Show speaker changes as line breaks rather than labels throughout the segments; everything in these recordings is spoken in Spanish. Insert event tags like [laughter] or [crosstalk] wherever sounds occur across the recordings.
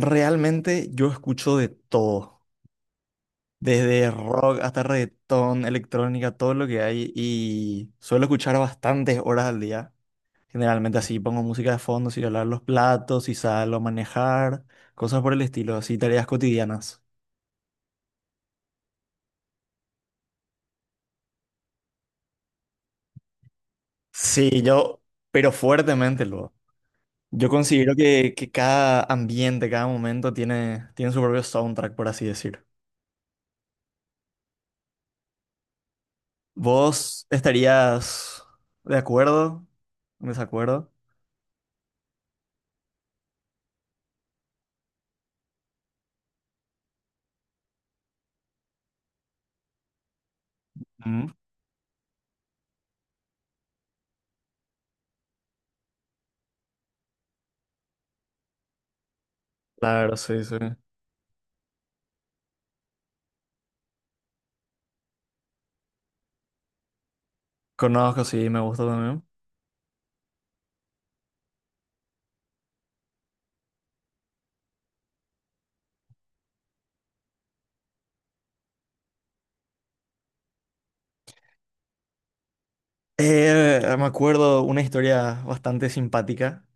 Realmente yo escucho de todo, desde rock hasta reggaetón, electrónica, todo lo que hay y suelo escuchar bastantes horas al día. Generalmente así pongo música de fondo, si lavar los platos, si salgo a manejar, cosas por el estilo, así tareas cotidianas. Sí, yo, pero fuertemente luego. Yo considero que, cada ambiente, cada momento tiene, su propio soundtrack, por así decir. ¿Vos estarías de acuerdo? ¿En ¿Desacuerdo? Claro, sí, sí. Conozco, sí, me gusta también. Me acuerdo una historia bastante simpática.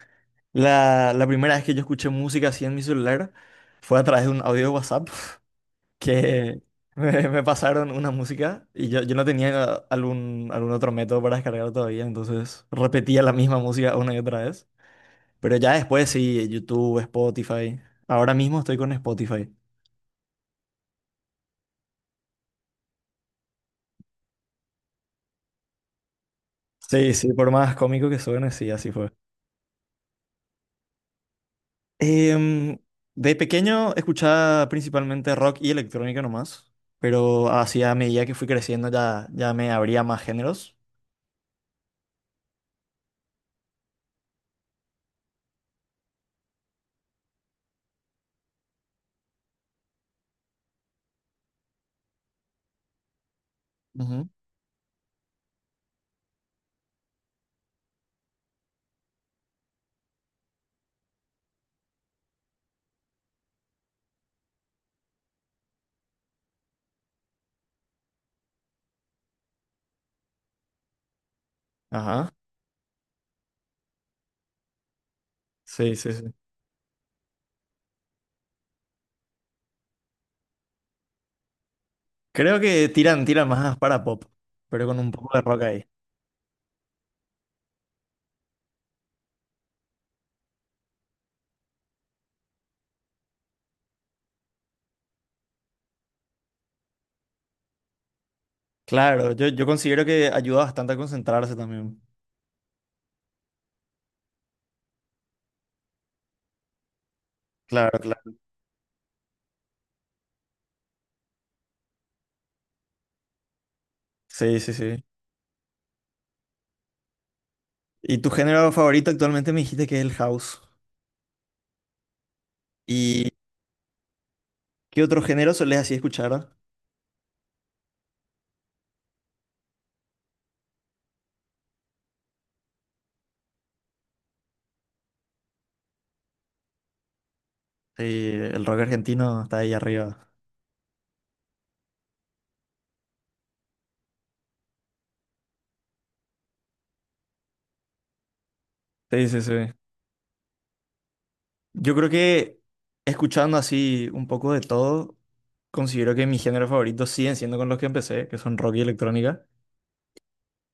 La primera vez que yo escuché música así en mi celular fue a través de un audio de WhatsApp [laughs] que me, pasaron una música y yo, no tenía algún, otro método para descargar todavía, entonces repetía la misma música una y otra vez. Pero ya después sí, YouTube, Spotify. Ahora mismo estoy con Spotify. Sí, sí, por más cómico que suene, sí, así fue. Em, de pequeño escuchaba principalmente rock y electrónica nomás, pero así a medida que fui creciendo ya, me abría más géneros. Ujú. Ajá, sí, sí, sí. Creo que tiran, más para pop, pero con un poco de rock ahí. Claro, yo, considero que ayuda bastante a concentrarse también. Claro, claro. Sí, sí, sí. ¿Y tu género favorito actualmente me dijiste que es el house? ¿Y qué otro género solés así escuchar? Sí, el rock argentino está ahí arriba. Sí, sí, sí. Yo creo que escuchando así un poco de todo, considero que mis géneros favoritos siguen siendo con los que empecé, que son rock y electrónica.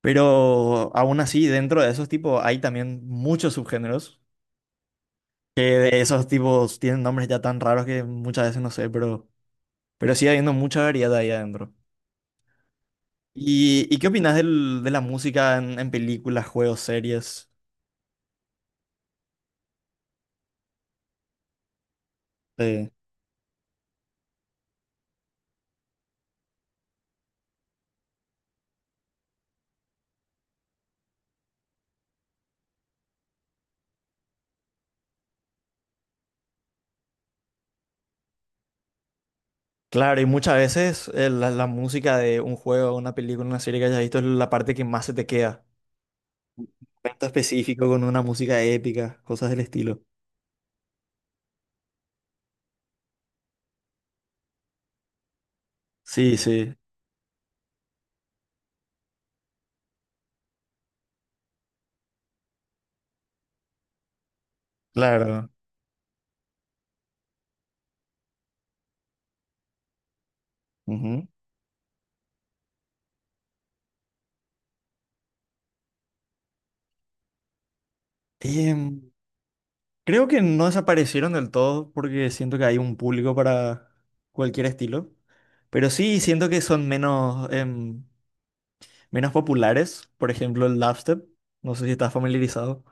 Pero aún así, dentro de esos tipos hay también muchos subgéneros, que de esos tipos tienen nombres ya tan raros que muchas veces no sé, pero, sigue habiendo mucha variedad ahí adentro. ¿Y, qué opinas de la música en, películas, juegos, series? Eh, Claro, y muchas veces la, música de un juego, una película, una serie que hayas visto es la parte que más se te queda. Evento específico con una música épica, cosas del estilo. Sí, sí, claro. Ujú. Em, Creo que no desaparecieron del todo porque siento que hay un público para cualquier estilo, pero sí siento que son menos, menos populares. Por ejemplo, el dubstep, no sé si estás familiarizado.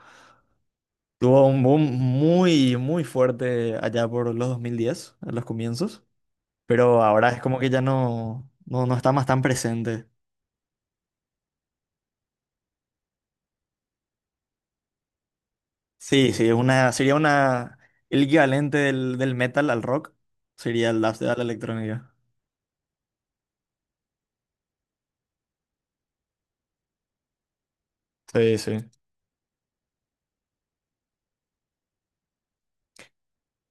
Tuvo un boom muy, muy fuerte allá por los 2010, a los comienzos, pero ahora es como que ya no, no está más tan presente. Sí, sí, el equivalente del, metal al rock sería el dubstep a la electrónica. Sí, sí.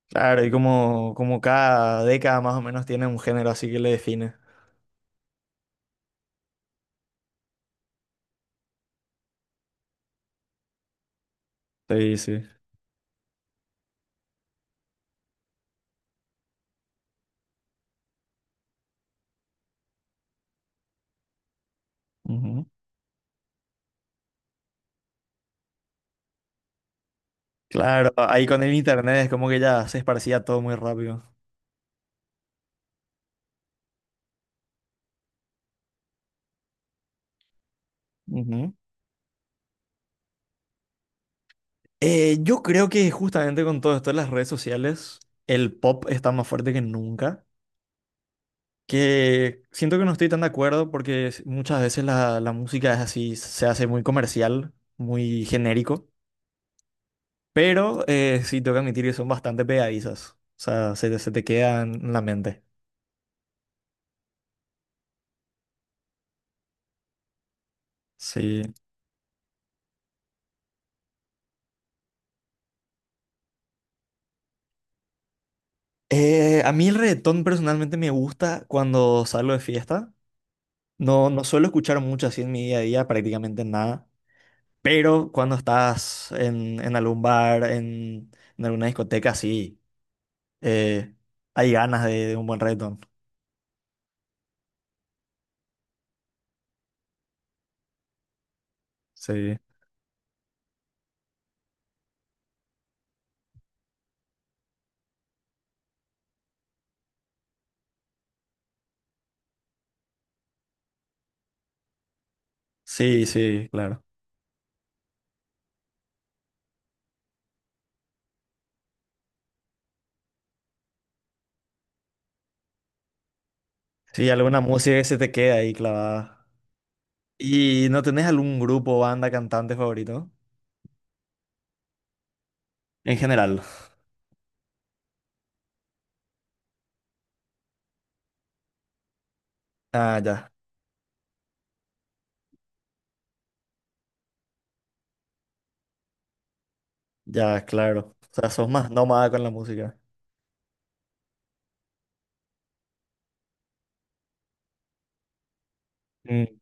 Claro, y como, cada década más o menos tiene un género así que le define. Sí, sí. Ujú, claro, ahí con el internet es como que ya se esparcía todo muy rápido. Ujú. Yo creo que justamente con todo esto de las redes sociales, el pop está más fuerte que nunca. Que siento que no estoy tan de acuerdo porque muchas veces la, música es así, se hace muy comercial, muy genérico, pero sí tengo que admitir que son bastante pegadizas, o sea, se te quedan en la mente. Sí. A mí el reggaetón personalmente me gusta cuando salgo de fiesta. No, no suelo escuchar mucho así en mi día a día, prácticamente nada. Pero cuando estás en, algún bar, en, alguna discoteca, sí, eh, hay ganas de, un buen reggaetón. Sí. Sí, sí, claro. Sí, alguna música que se te queda ahí clavada. ¿Y no tenés algún grupo, banda, cantante favorito? En general. Ah, ya, ya, claro. O sea, sos más nómada con la música. Mm.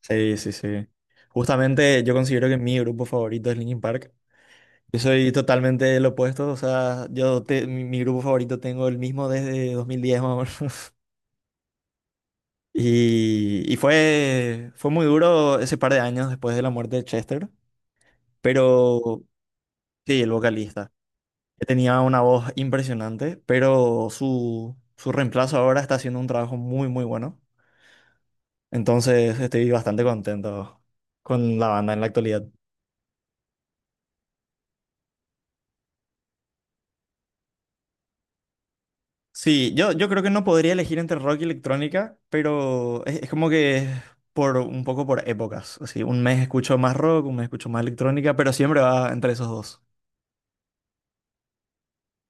Sí, sí, sí. Justamente yo considero que mi grupo favorito es Linkin Park. Yo soy totalmente el opuesto, o sea, mi, grupo favorito tengo el mismo desde 2010 más o menos. [laughs] Y, fue, muy duro ese par de años después de la muerte de Chester, pero sí, el vocalista. Que tenía una voz impresionante, pero su, reemplazo ahora está haciendo un trabajo muy, muy bueno. Entonces estoy bastante contento con la banda en la actualidad. Sí, yo, creo que no podría elegir entre rock y electrónica, pero es, como que por un poco por épocas. Así, un mes escucho más rock, un mes escucho más electrónica, pero siempre va entre esos dos.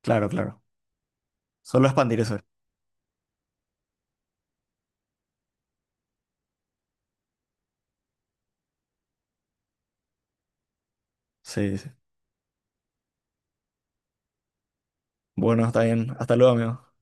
Claro, claro. Solo expandir eso. Sí, sí. Bueno, está bien. Hasta luego, amigo.